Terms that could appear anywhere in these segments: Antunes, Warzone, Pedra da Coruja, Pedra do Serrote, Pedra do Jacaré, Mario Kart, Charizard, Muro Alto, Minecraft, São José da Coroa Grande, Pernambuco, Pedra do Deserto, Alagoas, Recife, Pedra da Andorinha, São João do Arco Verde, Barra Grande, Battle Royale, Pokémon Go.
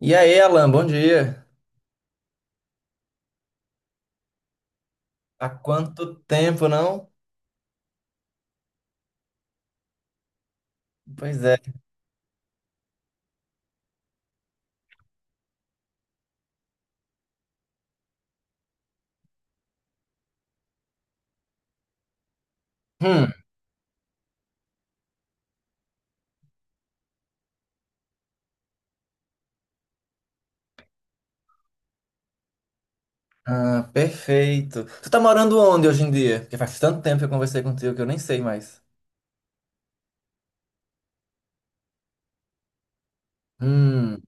E aí, Alan, bom dia. Há quanto tempo, não? Pois é. Hum, ah, perfeito. Tu tá morando onde hoje em dia? Porque faz tanto tempo que eu conversei contigo que eu nem sei mais. Hum,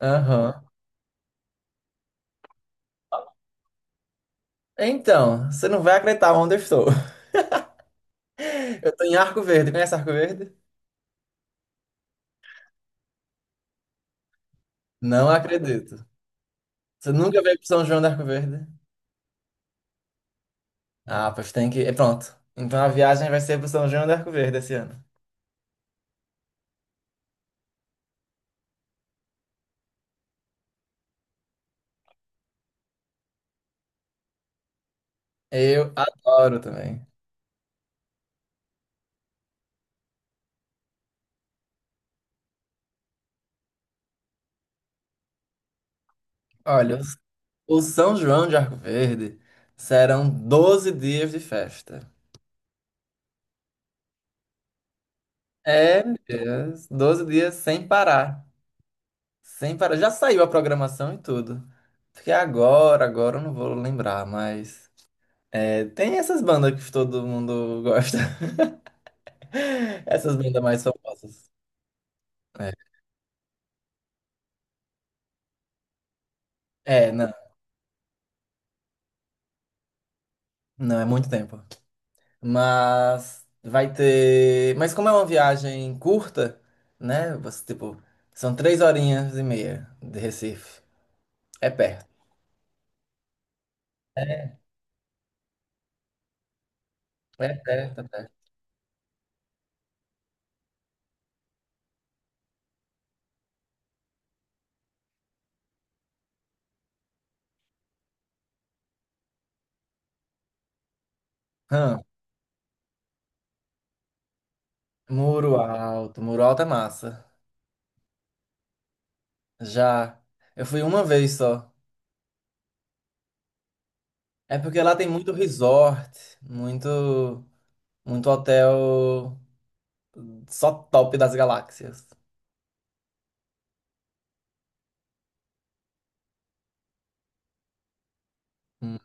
aham. Então, você não vai acreditar onde eu estou. Eu tô em Arco Verde. Conhece Arco Verde? Não acredito. Você nunca veio pro São João do Arco Verde? Ah, pois tem que, é, pronto. Então a viagem vai ser pro São João do Arco Verde esse ano. Eu adoro também. Olha, eu o São João de Arco Verde serão 12 dias de festa. É, yes, 12 dias sem parar. Sem parar. Já saiu a programação e tudo. Porque agora eu não vou lembrar, mas é, tem essas bandas que todo mundo gosta. Essas bandas mais famosas. É, é, não, não é muito tempo. Mas vai ter. Mas como é uma viagem curta, né? Você, tipo, são 3 horinhas e meia de Recife. É perto. É perto, é perto. Hã, Muro Alto. Muro Alto é massa. Já. Eu fui uma vez só. É porque lá tem muito resort, muito, muito hotel só top das galáxias. Hum.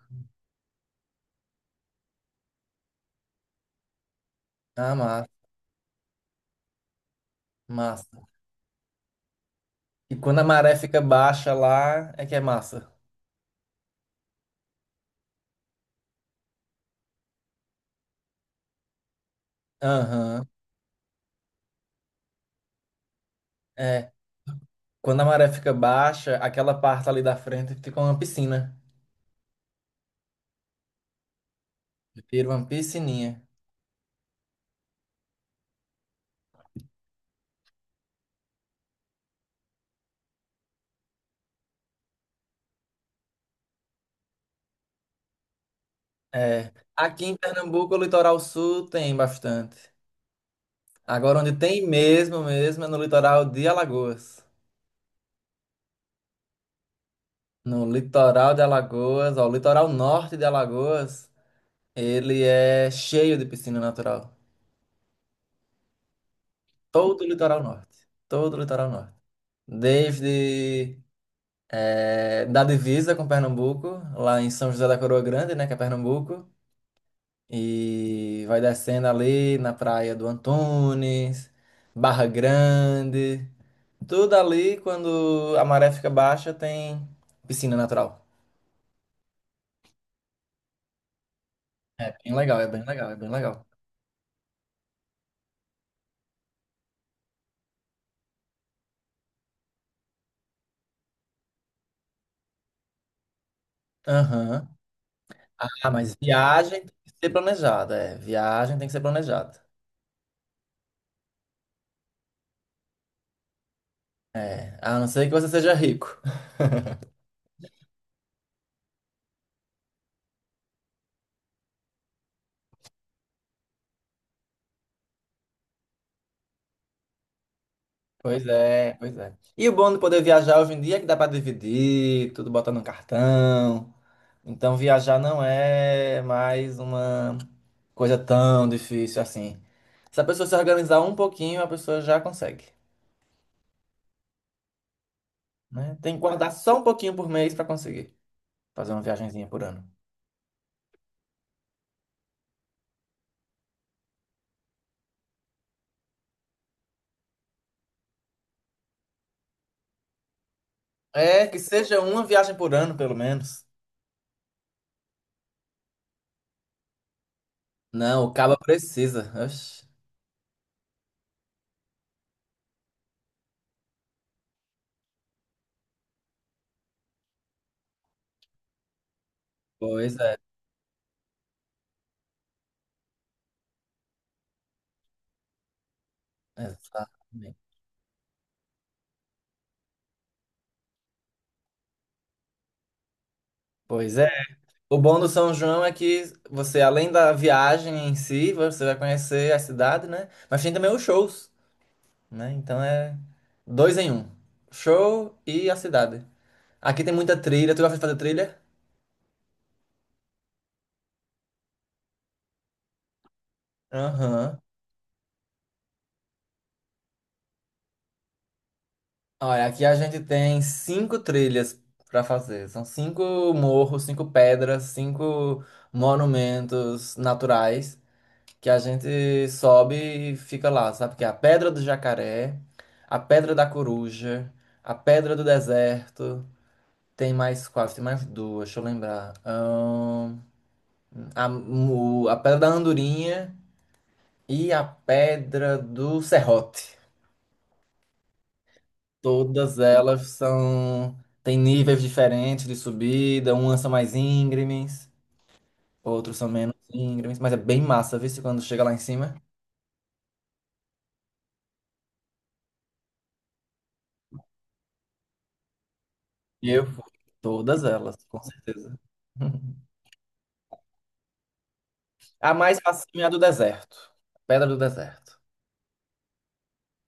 Ah, massa, massa. E quando a maré fica baixa lá, é que é massa. Aham, é. Quando a maré fica baixa, aquela parte ali da frente fica uma piscina. Vira uma piscininha. É. Aqui em Pernambuco, o litoral sul tem bastante. Agora, onde tem mesmo, mesmo, é no litoral de Alagoas. No litoral de Alagoas, ó, o litoral norte de Alagoas, ele é cheio de piscina natural. Todo o litoral norte. Todo o litoral norte. Desde eh, da divisa com Pernambuco, lá em São José da Coroa Grande, né, que é Pernambuco, e vai descendo ali na praia do Antunes, Barra Grande. Tudo ali, quando a maré fica baixa, tem piscina natural. É bem legal, é bem legal, é bem legal. Aham. Ah, mas viagem tem que ser planejada. É, viagem tem que ser planejada. É, a não ser que você seja rico. Pois é, pois é. E o bom de poder viajar hoje em dia é que dá pra dividir, tudo bota no cartão. Então viajar não é mais uma coisa tão difícil assim. Se a pessoa se organizar um pouquinho, a pessoa já consegue, né? Tem que guardar só um pouquinho por mês para conseguir fazer uma viagenzinha por ano. É, que seja uma viagem por ano, pelo menos. Não, o caba precisa. Oxe. Pois é, exatamente. Pois é. O bom do São João é que você, além da viagem em si, você vai conhecer a cidade, né? Mas tem também os shows, né? Então é dois em um. Show e a cidade. Aqui tem muita trilha. Tu gosta de fazer trilha? Aham. Olha, aqui a gente tem cinco trilhas para fazer. São cinco morros, cinco pedras, cinco monumentos naturais que a gente sobe e fica lá, sabe? Que é a Pedra do Jacaré, a Pedra da Coruja, a Pedra do Deserto. Tem mais quatro, tem mais duas, deixa eu lembrar. A Pedra da Andorinha e a Pedra do Serrote. Todas elas são. Tem níveis diferentes de subida, umas são mais íngremes, outros são menos íngremes, mas é bem massa, viu? Se Quando chega lá em cima. E eu fui. Todas elas, com certeza. A mais facinha é a do deserto. Pedra do deserto.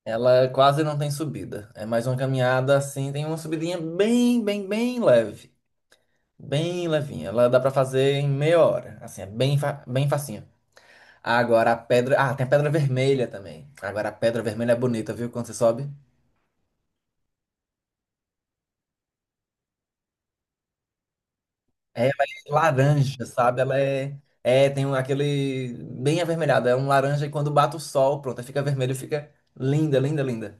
Ela quase não tem subida. É mais uma caminhada assim, tem uma subidinha bem, bem, bem leve. Bem levinha. Ela dá pra fazer em meia hora. Assim, é bem, bem facinho. Agora a pedra. Ah, tem a pedra vermelha também. Agora a pedra vermelha é bonita, viu? Quando você sobe. É, ela é laranja, sabe? Ela é. É, tem aquele. Bem avermelhado. É um laranja e quando bate o sol, pronto, aí fica vermelho, fica linda, linda, linda.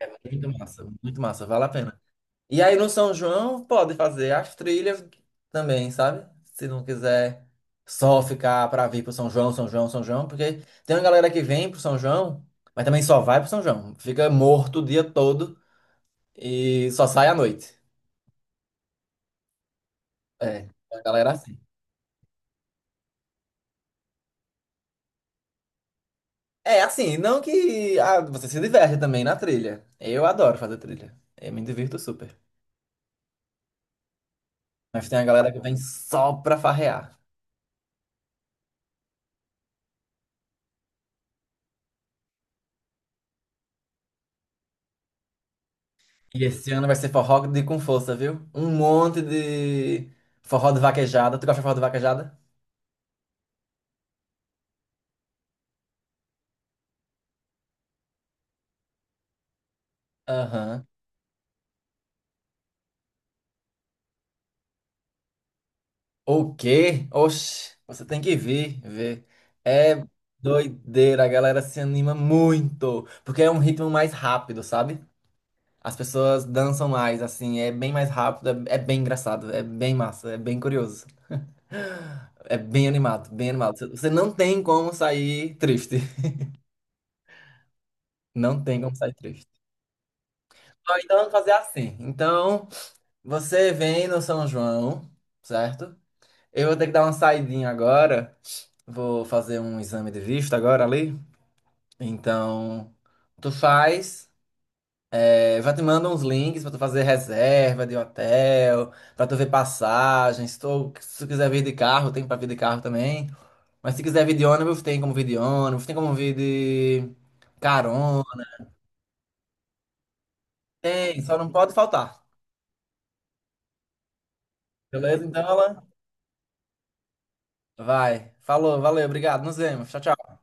É muito massa, vale a pena. E aí no São João pode fazer as trilhas também, sabe? Se não quiser só ficar pra vir pro São João, São João, São João, porque tem uma galera que vem pro São João, mas também só vai pro São João. Fica morto o dia todo. E só sai à noite. É, a galera assim. É, assim, não que ah, você se diverte também na trilha. Eu adoro fazer trilha. Eu me divirto super. Mas tem a galera que vem só pra farrear. E esse ano vai ser forró de com força, viu? Um monte de forró de vaquejada. Tu gosta de forró de vaquejada? Aham. O quê? Oxe, você tem que vir, ver. É doideira, a galera se anima muito. Porque é um ritmo mais rápido, sabe? As pessoas dançam mais, assim, é bem mais rápido, é, é bem engraçado, é bem massa, é bem curioso. É bem animado, bem animado. Você não tem como sair triste. Não tem como sair triste. Ó, então vamos fazer assim. Então, você vem no São João, certo? Eu vou ter que dar uma saidinha agora. Vou fazer um exame de vista agora ali. Então, tu faz. É, já te mando uns links pra tu fazer reserva de hotel, pra tu ver passagens. Se tu quiser vir de carro, tem pra vir de carro também. Mas se quiser vir de ônibus, tem como vir de ônibus, tem como vir de carona. Tem, só não pode faltar. Beleza? Então, Alan? Vai. Falou, valeu, obrigado. Nos vemos. Tchau, tchau.